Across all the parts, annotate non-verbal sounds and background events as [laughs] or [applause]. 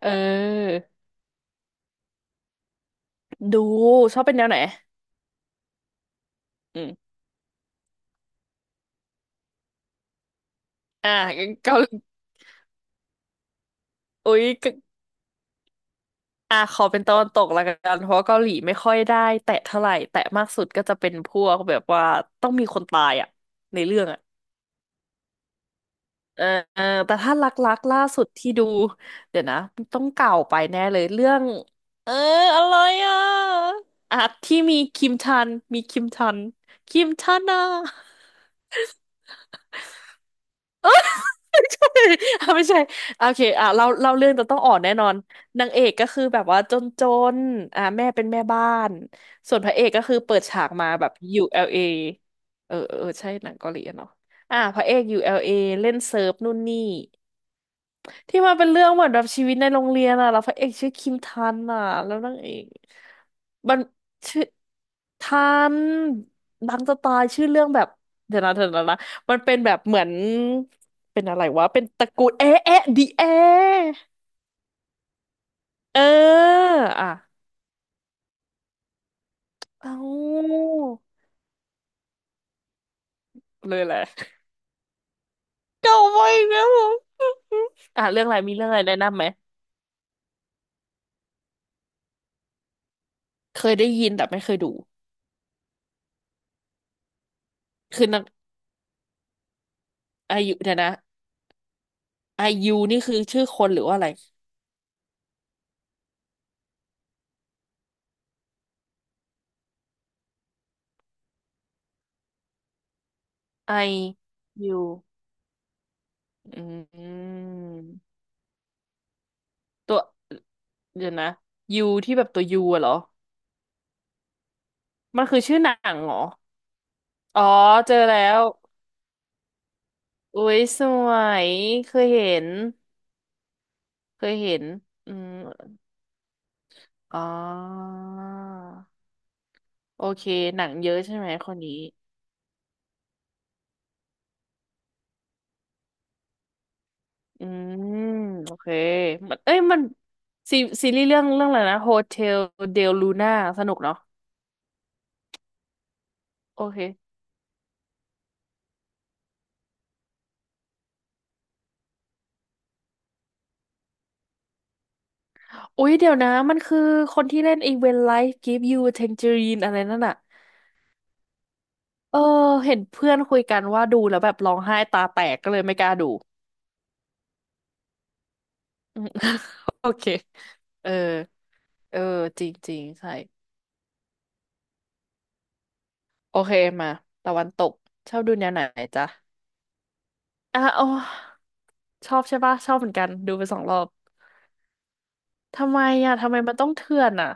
เออดูชอบเป็นแนวไหนอืมอ่าเกาหลีอุ๊ยก็ขอเป็นตะวันตกละกัน เพราะว่าเกาหลีไม่ค่อยได้แตะเท่าไหร่แตะมากสุดก็จะเป็นพวกแบบว่าต้องมีคนตายอ่ะในเรื่องอ่ะเออเออแต่ถ้ารักๆล่าสุดที่ดูเดี๋ยวนะต้องเก่าไปแน่เลยเรื่องเอออะไรอ่ะอ่ะที่มีคิมชันคิมชันนะ [laughs] อ่ะไม่ใช่โอเคอ่ะเราเล่าเรื่องแต่ต้องอ่อนแน่นอนนางเอกก็คือแบบว่าจนอ่ะแม่เป็นแม่บ้านส่วนพระเอกก็คือเปิดฉากมาแบบ ULA เอเออเออเออใช่หนังเกาหลีอะเนาะอ่ะพระเอก ULA เอเล่นเซิร์ฟนู่นนี่ ที่มาเป็นเรื่องเหมือนแบบชีวิตในโรงเรียนอ่ะแล้วพระเอกชื่อคิมทันอ่ะแล้วนางเอกมันชื่อทันดังจะตายชื่อเรื่องแบบเดี๋ยวนะเดี๋ยวนะนะมันเป็นแบบเหมือนเป็นอะไรวะเป็นตระกูลเอ๊ะเอ๊ะดีเอ๊ะเอออ่ะเอ้าเลยแหละ [laughs] เก่าไปอีกแล้วเหรออ่ะเรื่องอะไรมีเรื่องอะไรแนะนำไหมเคยได้ยินแต่ไม่เคยดูคือนักอายุเดี๋ยวนะอายุนี่คือชื่อคนหรือว่าอะไร I U อืมตัวเดี๋ยวนะ U ที่แบบตัว U อะเหรอมันคือชื่อหนังเหรออ๋อเจอแล้วอุ้ยสวยเคยเห็นเคยเห็นอืมอ๋อโอเคหนังเยอะใช่ไหมคนนี้อืมโอเคมันเอ้ยมันซีซีรีส์เรื่องเรื่องอะไรนะโฮเทลเดลลูน่าสนุกเนาะโอเค อุ๊ยเดี๋ยวนะมันคือคนที่เล่นไอีเวนไลฟ์กิฟยูเทน g จ r ร n นอะไรนั่นอะเออเห็นเพื่อนคุยกันว่าดูแล้วแบบร้องไห้ตาแตกก็เลยไม่กล้าดู [laughs] อืม [laughs] โอเคเออเออจริงจริงใช่โอเคมาตะวันตกชอบดูแนวไหนจ๊ะอ่ะอ๋อชอบใช่ปะชอบเหมือนกันดูไปสองรอบทำไมอ่ะทำไมมันต้องเถื่อนอ่ะ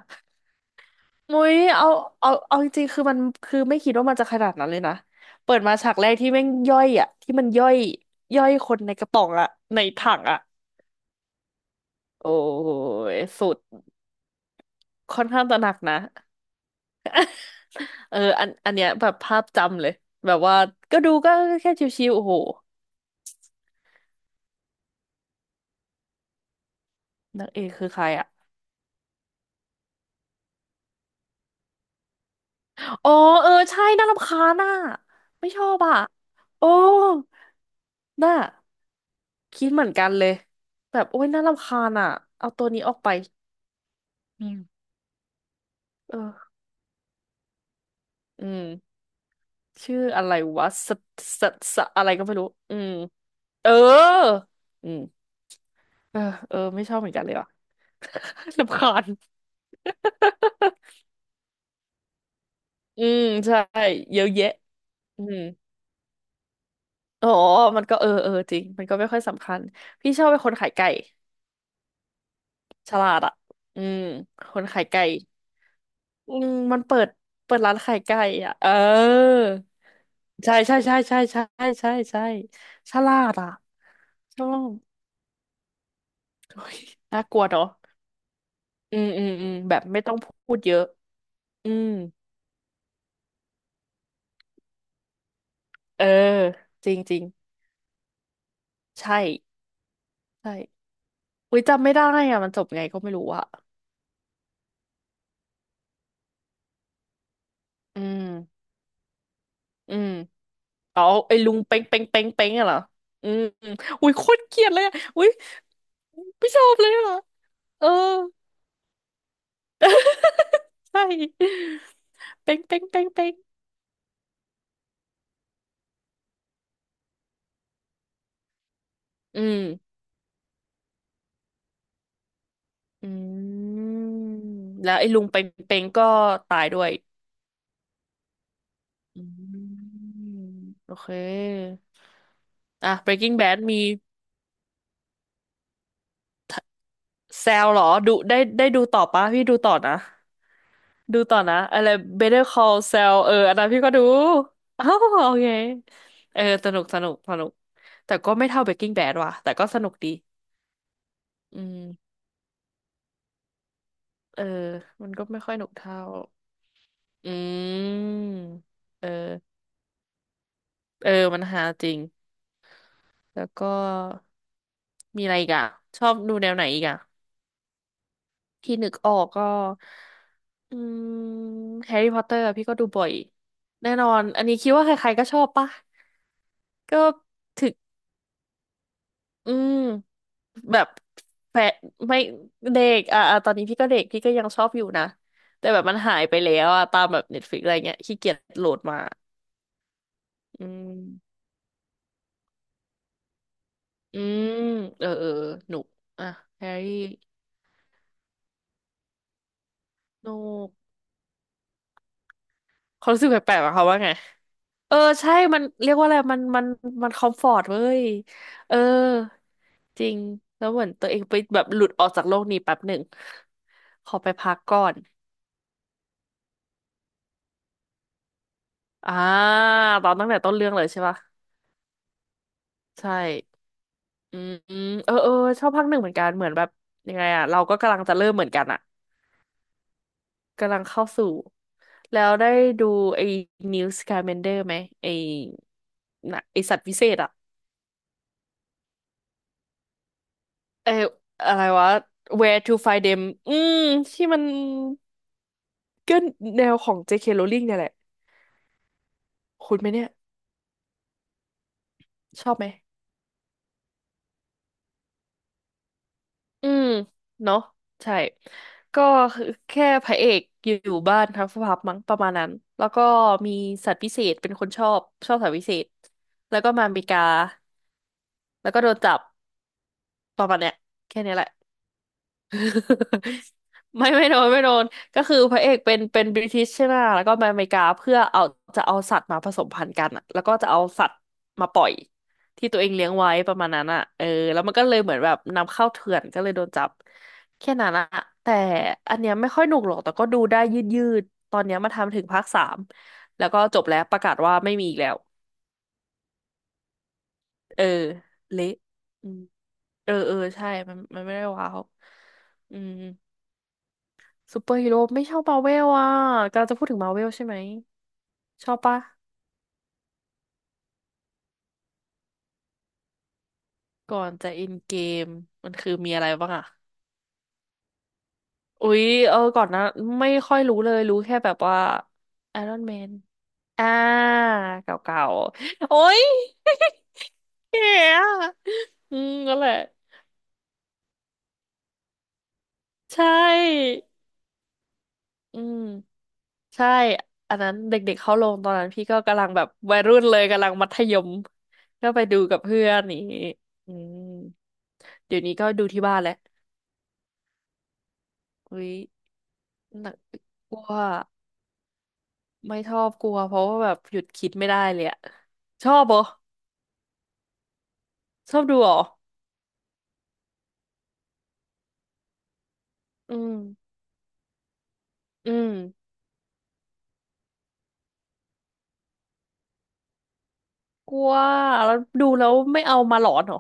มุ้ยเอาเอาจริงๆคือมันคือไม่คิดว่ามันจะขนาดนั้นเลยนะเปิดมาฉากแรกที่แม่งย่อยอ่ะที่มันย่อยย่อยคนในกระป๋องอ่ะในถังอ่ะโอ้ยสุดค่อนข้างตระหนักนะเอออันเนี้ยแบบภาพจำเลยแบบว่าก็ดูก็แค่ชิวๆโอ้โหนางเอกคือใครอ่ะอ๋อเออใช่น่ารำคาญอ่ะไม่ชอบอ่ะโอ้น่าคิดเหมือนกันเลยแบบโอ้ยน่ารำคาญอ่ะเอาตัวนี้ออกไปอืมเออ อืมชื่ออะไรวะสสอะไรก็ไม่รู้อืมเอออืมเออเออไม่ชอบเหมือนกันเลยว่ะ [laughs] รำคาญอืมใช่เยอะแยะอืมอ๋อมันก็เออเออจริงมันก็ไม่ค่อยสำคัญพี่ชอบเป็นคนขายไก่ฉลาดอ่ะอืมคนขายไก่อืมมันเปิดเปิดร้านขายไก่อ่ะเออใช่ใช่ใช่ใช่ใช่ใช่ใช่ฉลาดอ่ะชอบโอ้ยน่ากลัวเนาะ อืมอืมอืมแบบไม่ต้องพูดเยอะอืมเออจริงจริงใช่ใช่อุ้ยจำไม่ได้อะมันจบไงก็ไม่รู้อะอืมอืมอ๋อไอ้ลุงเป้งเป้งเป้งเป้งอะเหรออืมอมอุ้ยโคตรเกลียดเลยอะอุ้ยไม่ชอบเลยอะเออใช่เป้งเป้งเป้งเป้งอืมอืมแล้วไอ้ลุงเป้งเป้งก็ตายด้วยอืมโอเคอ่ะ Breaking Bad มี แซลเหรอดูได้ได้ดูต่อปะพี่ดูต่อนะดูต่อนะอะไร Better Call Saul เอออันนั้นพี่ก็ดู [laughs] อ้าวโอเคเออสนุกสนุกสนุกแต่ก็ไม่เท่า Breaking Bad ว่ะแต่ก็สนุกดีอืมเออมันก็ไม่ค่อยหนุกเท่าอืมเออเออมันหาจริงแล้วก็มีอะไรอีกอ่ะชอบดูแนวไหนอีกอ่ะ ที่นึกออกก็อืมแฮร์รี่พอตเตอร์พี่ก็ดูบ่อยแน่นอนอันนี้คิดว่าใครๆก็ชอบปะก็ถึกอืมแบบแฟะไม่เด็กอ่ะอ่ะตอนนี้พี่ก็เด็กพี่ก็ยังชอบอยู่นะแต่แบบมันหายไปแล้วอ่ะตามแบบเน็ตฟลิกอะไรเงี้ยขี้เกียจโหลดมาอืมอืมเออเออหนุกอ่ะแฮร์รี่โนกเขารู้สึกแปลกๆอะเขาว่าไง เออใช่มันเรียกว่าอะไรมันมันคอมฟอร์ตเว้ยเออจริงแล้วเหมือนตัวเองไปแบบหลุดออกจากโลกนี้แป๊บหนึ่งขอไปพักก่อนอ่าตอนตั้งแต่ต้นเรื่องเลยใช่ปะใช่อืมเออเออชอบภาคหนึ่งเหมือนกันเหมือนแบบยังไงอะเราก็กำลังจะเริ่มเหมือนกันอะกำลังเข้าสู่แล้วได้ดูไอ้ New Scamander ไหมไอ้น่ะไอ้สัตว์วิเศษอะเอออะไรวะ Where to find them อืมที่มัน ก็แนวของ JK Rowling เนี่ยแหละ คุณไหมเนี่ย ชอบไหม อืม เนาะใช่ ก็คือแค่พระเอกอยู่บ้านทั้งสภาพมั้งประมาณนั้น แล้วก็มีสัตว์พิเศษเป็นคนชอบสัตว์พิเศษ แล้วก็มาอเมริกา แล้วก็โดนจับประมาณเนี้ยแค่เนี้ยแหละ [laughs] ไม่โดนก็คือพระเอกเป็นบริติชใช่ไหมแล้วก็มาอเมริกาเพื่อเอาจะเอาสัตว์มาผสมพันธุ์กันอะแล้วก็จะเอาสัตว์มาปล่อยที่ตัวเองเลี้ยงไว้ประมาณนั้นอ่ะเออแล้วมันก็เลยเหมือนแบบนำเข้าเถื่อนก็เลยโดนจับแค่นั้นอะแต่อันเนี้ยไม่ค่อยหนุกหรอกแต่ก็ดูได้ยืดยืดตอนเนี้ยมาทำถึงภาคสามแล้วก็จบแล้วประกาศว่าไม่มีอีกแล้วเออเละอืมเออใช่มันไม่ได้ว้าวอืม ซูเปอร์ฮีโร่ไม่ชอบมาเวลอ่ะกำลังจะพูดถึงมาเวลใช่ไหมชอบปะก่อนจะอินเกมมันคือมีอะไรบ้างอ่ะอุ๊ยเออก่อนนะไม่ค่อยรู้เลยรู้แค่แบบว่าไอรอนแมนอ่าเก่าๆโอ๊ย [laughs] แก่อะอืมนั่นแหละใช่อืม ใช่อันนั้นเด็กๆเข้าลงตอนนั้นพี่ก็กำลังแบบวัยรุ่นเลยกำลังมัธยมก็ไปดูกับเพื่อนนี่างงี้อืมเดี๋ยวนี้ก็ดูที่บ้านแหละอุ้ยหนักกลัวไม่ชอบกลัวเพราะว่าแบบหยุดคิดไม่ได้เลยอะชอบเหรอชอบดูเหรออืมอืมกลัวแล้วดูแล้วไม่เอามาหลอนเหรอ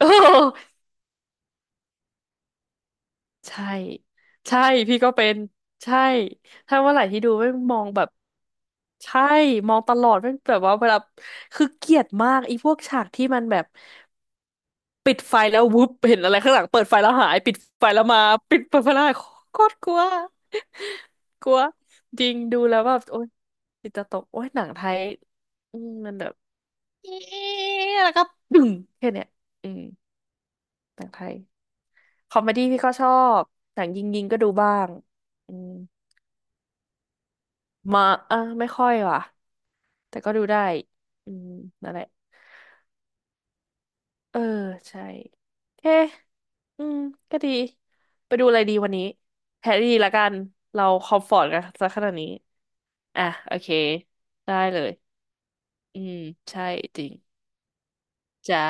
[laughs] ใช่ใช่พี่ก็เป็นใช่ถ้าเมื่อไหร่ที่ดูแม่งมองแบบใช่มองตลอดแม่งแบบว่าเวลาคือเกลียดมากไอ้พวกฉากที่มันแบบปิดไฟแล้ววุบเห็นอะไรข้างหลังเปิดไฟแล้วหายปิดไฟแล้วมาปิดเปิดไฟแล้วหายโคตรกลัวกลัวจริงดูแล้วแบบโอ๊ยจิตจะตกโอ๊ยหนังไทยอืมมันแบบเอ๊ะ [clears throat] แล้วก็ดึงแค่เนี้ยอืมหนังไทย คอมเมดี้พี่ก็ชอบหนังยิงยิงก็ดูบ้างอืมมาเออไม่ค่อยว่ะแต่ก็ดูได้อืมนั่นแหละ เออใช่โอเคอืม ก็ดี ไปดูอะไรดีวันนี้แฮร์รี่ละกัน เราคอมฟอร์ตกันซะขนาดนี้ อ่ะโอเค ได้เลย อืมใช่จริงจ้า